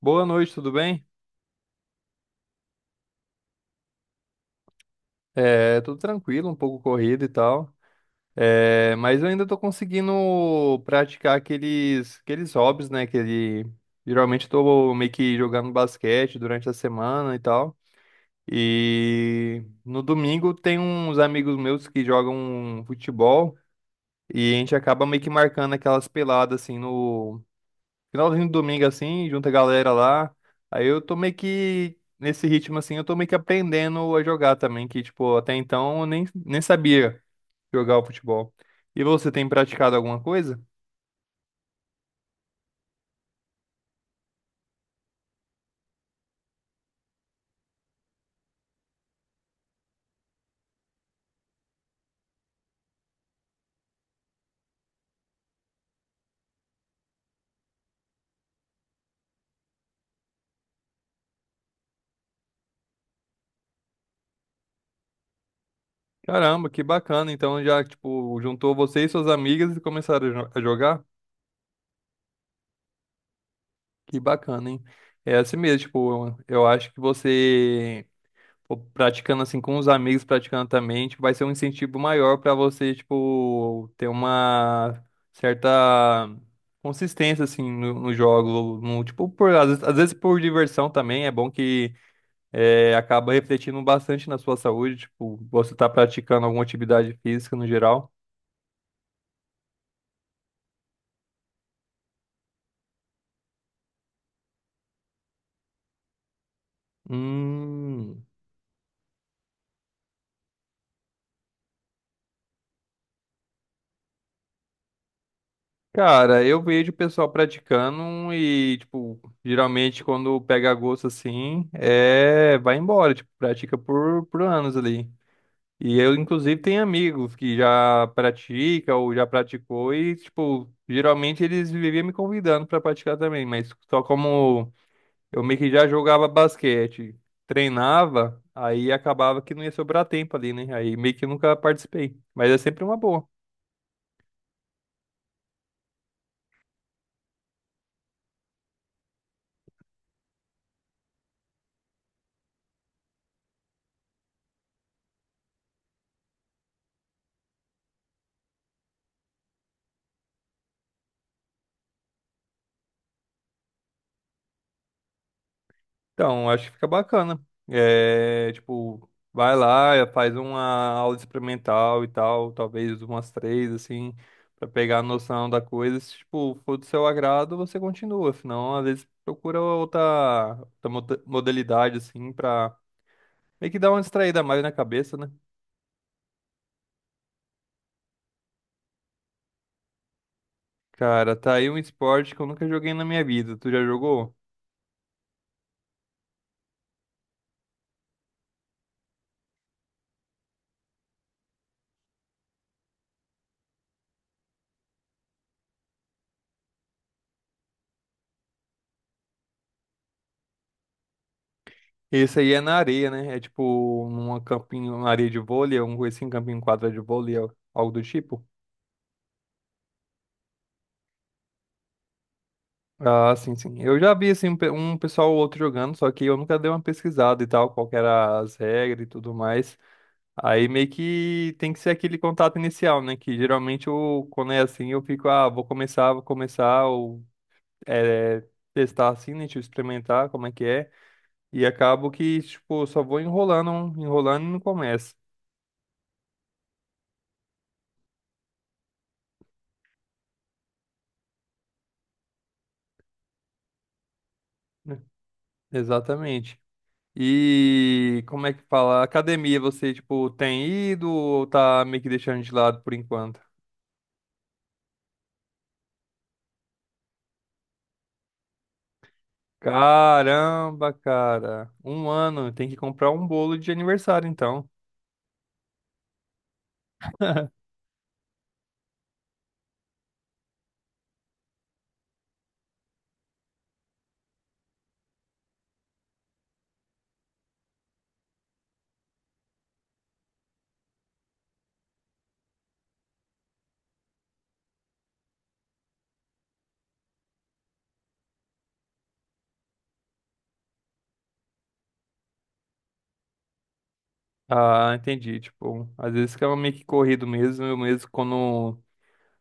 Boa noite, tudo bem? É, tudo tranquilo, um pouco corrido e tal. É, mas eu ainda tô conseguindo praticar aqueles hobbies, né? Que geralmente tô meio que jogando basquete durante a semana e tal. E no domingo tem uns amigos meus que jogam futebol e a gente acaba meio que marcando aquelas peladas assim no finalzinho do domingo, assim, junta a galera lá. Aí eu tô meio que, nesse ritmo, assim, eu tô meio que aprendendo a jogar também, que, tipo, até então eu nem sabia jogar o futebol. E você tem praticado alguma coisa? Caramba, que bacana. Então já, tipo, juntou você e suas amigas e começaram a jogar? Que bacana, hein? É assim mesmo, tipo, eu acho que você. Pô, praticando assim com os amigos, praticando também, tipo, vai ser um incentivo maior pra você, tipo, ter uma certa consistência assim no jogo, no, tipo, por, às vezes por diversão também, é bom que é, acaba refletindo bastante na sua saúde, tipo, você tá praticando alguma atividade física no geral. Hum, Cara, eu vejo o pessoal praticando e, tipo, geralmente quando pega gosto assim, é, vai embora, tipo, pratica por anos ali. E eu, inclusive, tenho amigos que já pratica ou já praticou e, tipo, geralmente eles viviam me convidando para praticar também, mas só como eu meio que já jogava basquete, treinava, aí acabava que não ia sobrar tempo ali, né? Aí meio que nunca participei, mas é sempre uma boa. Então, acho que fica bacana. É, tipo, vai lá, faz uma aula experimental e tal, talvez umas três, assim, pra pegar a noção da coisa. Se, tipo, for do seu agrado, você continua. Senão, às vezes, procura outra modalidade, assim, pra meio que dar uma distraída mais na cabeça, né? Cara, tá aí um esporte que eu nunca joguei na minha vida. Tu já jogou? Esse aí é na areia, né? É tipo numa campinho, uma areia de vôlei, um assim, campinho quadrado de vôlei, algo do tipo. Ah, sim, sim. Eu já vi assim um um pessoal ou outro jogando, só que eu nunca dei uma pesquisada e tal, qual que era as regras e tudo mais. Aí meio que tem que ser aquele contato inicial, né? Que geralmente eu, quando é assim, eu fico, ah, vou começar, ou é, testar assim, né? Tipo, experimentar como é que é. E acabo que, tipo, só vou enrolando, enrolando e não começo. Né? Exatamente. E como é que fala? Academia, você, tipo, tem ido ou tá meio que deixando de lado por enquanto? Caramba, cara. Um ano, tem que comprar um bolo de aniversário, então. Ah, entendi. Tipo, às vezes fica meio que corrido mesmo, eu mesmo quando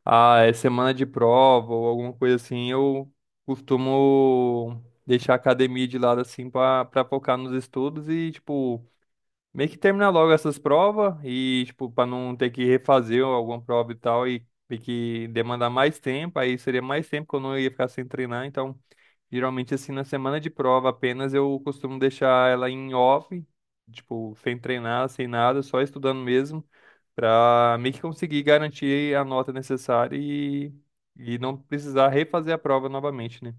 ah, é semana de prova ou alguma coisa assim, eu costumo deixar a academia de lado assim pra focar nos estudos e, tipo, meio que terminar logo essas provas e, tipo, pra não ter que refazer alguma prova e tal e ter que demandar mais tempo, aí seria mais tempo que eu não ia ficar sem treinar, então. Geralmente, assim, na semana de prova apenas eu costumo deixar ela em off, tipo, sem treinar, sem nada, só estudando mesmo, pra meio que conseguir garantir a nota necessária e não precisar refazer a prova novamente, né?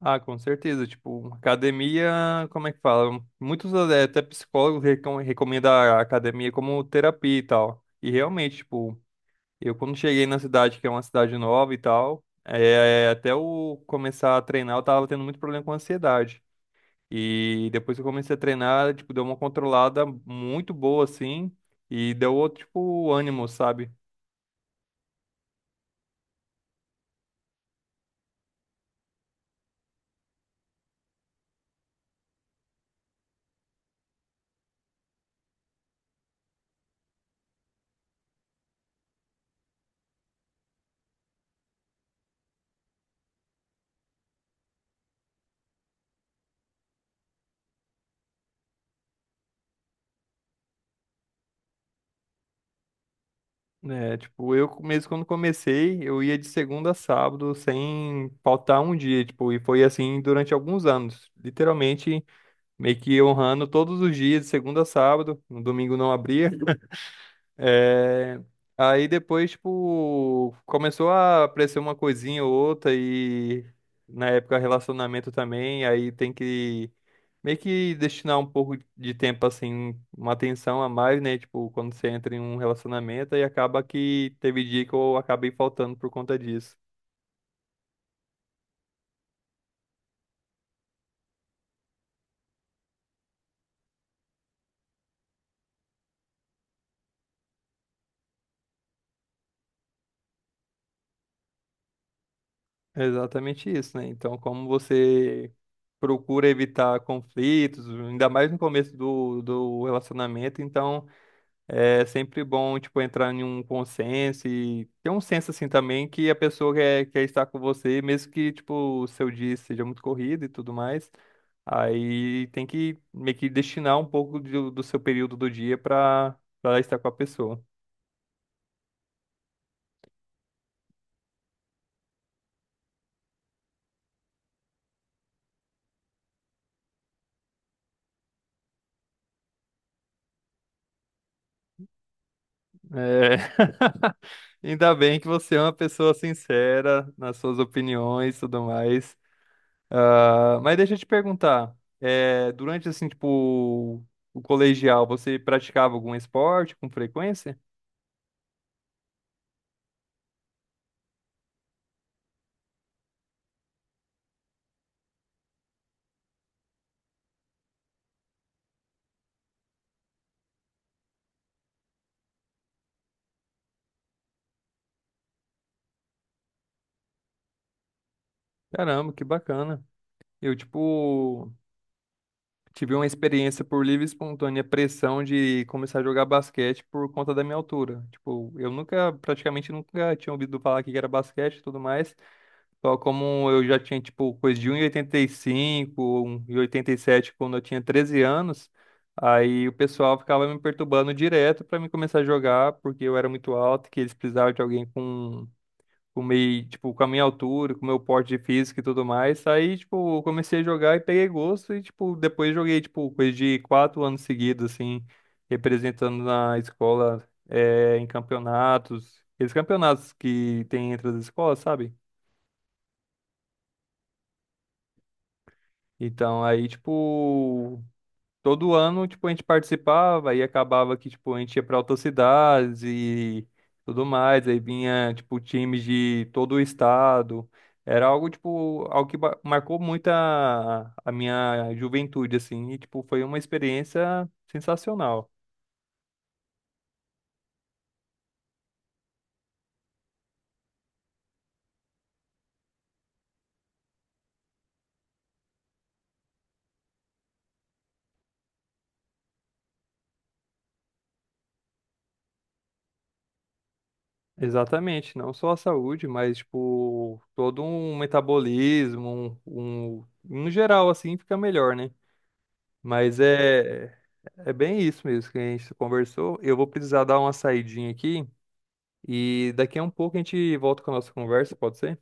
Ah, com certeza. Tipo, academia, como é que fala? Muitos eh, até psicólogos recomendam a academia como terapia e tal. E realmente, tipo, eu, quando cheguei na cidade, que é uma cidade nova e tal, é, até eu começar a treinar, eu tava tendo muito problema com ansiedade. E depois que eu comecei a treinar, tipo, deu uma controlada muito boa, assim, e deu outro, tipo, ânimo, sabe? É, tipo, eu mesmo quando comecei, eu ia de segunda a sábado sem faltar um dia, tipo, e foi assim durante alguns anos. Literalmente, meio que honrando todos os dias, de segunda a sábado, no domingo não abria. É, aí depois, tipo, começou a aparecer uma coisinha ou outra e na época relacionamento também, aí tem que meio que destinar um pouco de tempo, assim, uma atenção a mais, né? Tipo, quando você entra em um relacionamento e acaba que teve dia que eu acabei faltando por conta disso. É exatamente isso, né? Então, como você procura evitar conflitos, ainda mais no começo do relacionamento, então. É sempre bom, tipo, entrar em um consenso e ter um senso, assim, também que a pessoa quer, quer estar com você, mesmo que, tipo, o seu dia seja muito corrido e tudo mais. Aí tem que meio que destinar um pouco do seu período do dia para estar com a pessoa. É... Ainda bem que você é uma pessoa sincera nas suas opiniões e tudo mais. Ah, mas deixa eu te perguntar, eh, durante assim, tipo, o colegial, você praticava algum esporte com frequência? Caramba, que bacana. Eu, tipo, tive uma experiência por livre e espontânea pressão de começar a jogar basquete por conta da minha altura. Tipo, eu nunca, praticamente nunca tinha ouvido falar que era basquete e tudo mais. Só como eu já tinha, tipo, coisa de um e oitenta e cinco, um e oitenta oitenta cinco e sete quando eu tinha 13 anos, aí o pessoal ficava me perturbando direto pra mim começar a jogar, porque eu era muito alto, que eles precisavam de alguém com meio, tipo, com a minha altura, com o meu porte de físico e tudo mais. Aí, tipo, eu comecei a jogar e peguei gosto e, tipo, depois joguei, tipo, coisa de 4 anos seguidos, assim, representando na escola, eh, em campeonatos. Esses campeonatos que tem entre as escolas, sabe? Então, aí, tipo, todo ano, tipo, a gente participava e acabava que, tipo, a gente ia pra outras cidades e tudo mais. Aí vinha, tipo, times de todo o estado. Era algo, tipo, algo que ba- marcou muito a minha juventude, assim. E, tipo, foi uma experiência sensacional. Exatamente, não só a saúde, mas, tipo, todo um metabolismo, um, em geral, assim, fica melhor, né? Mas é, é bem isso mesmo que a gente conversou. Eu vou precisar dar uma saidinha aqui e daqui a um pouco a gente volta com a nossa conversa, pode ser?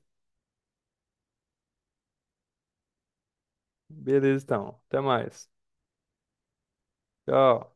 Beleza, então. Até mais. Tchau.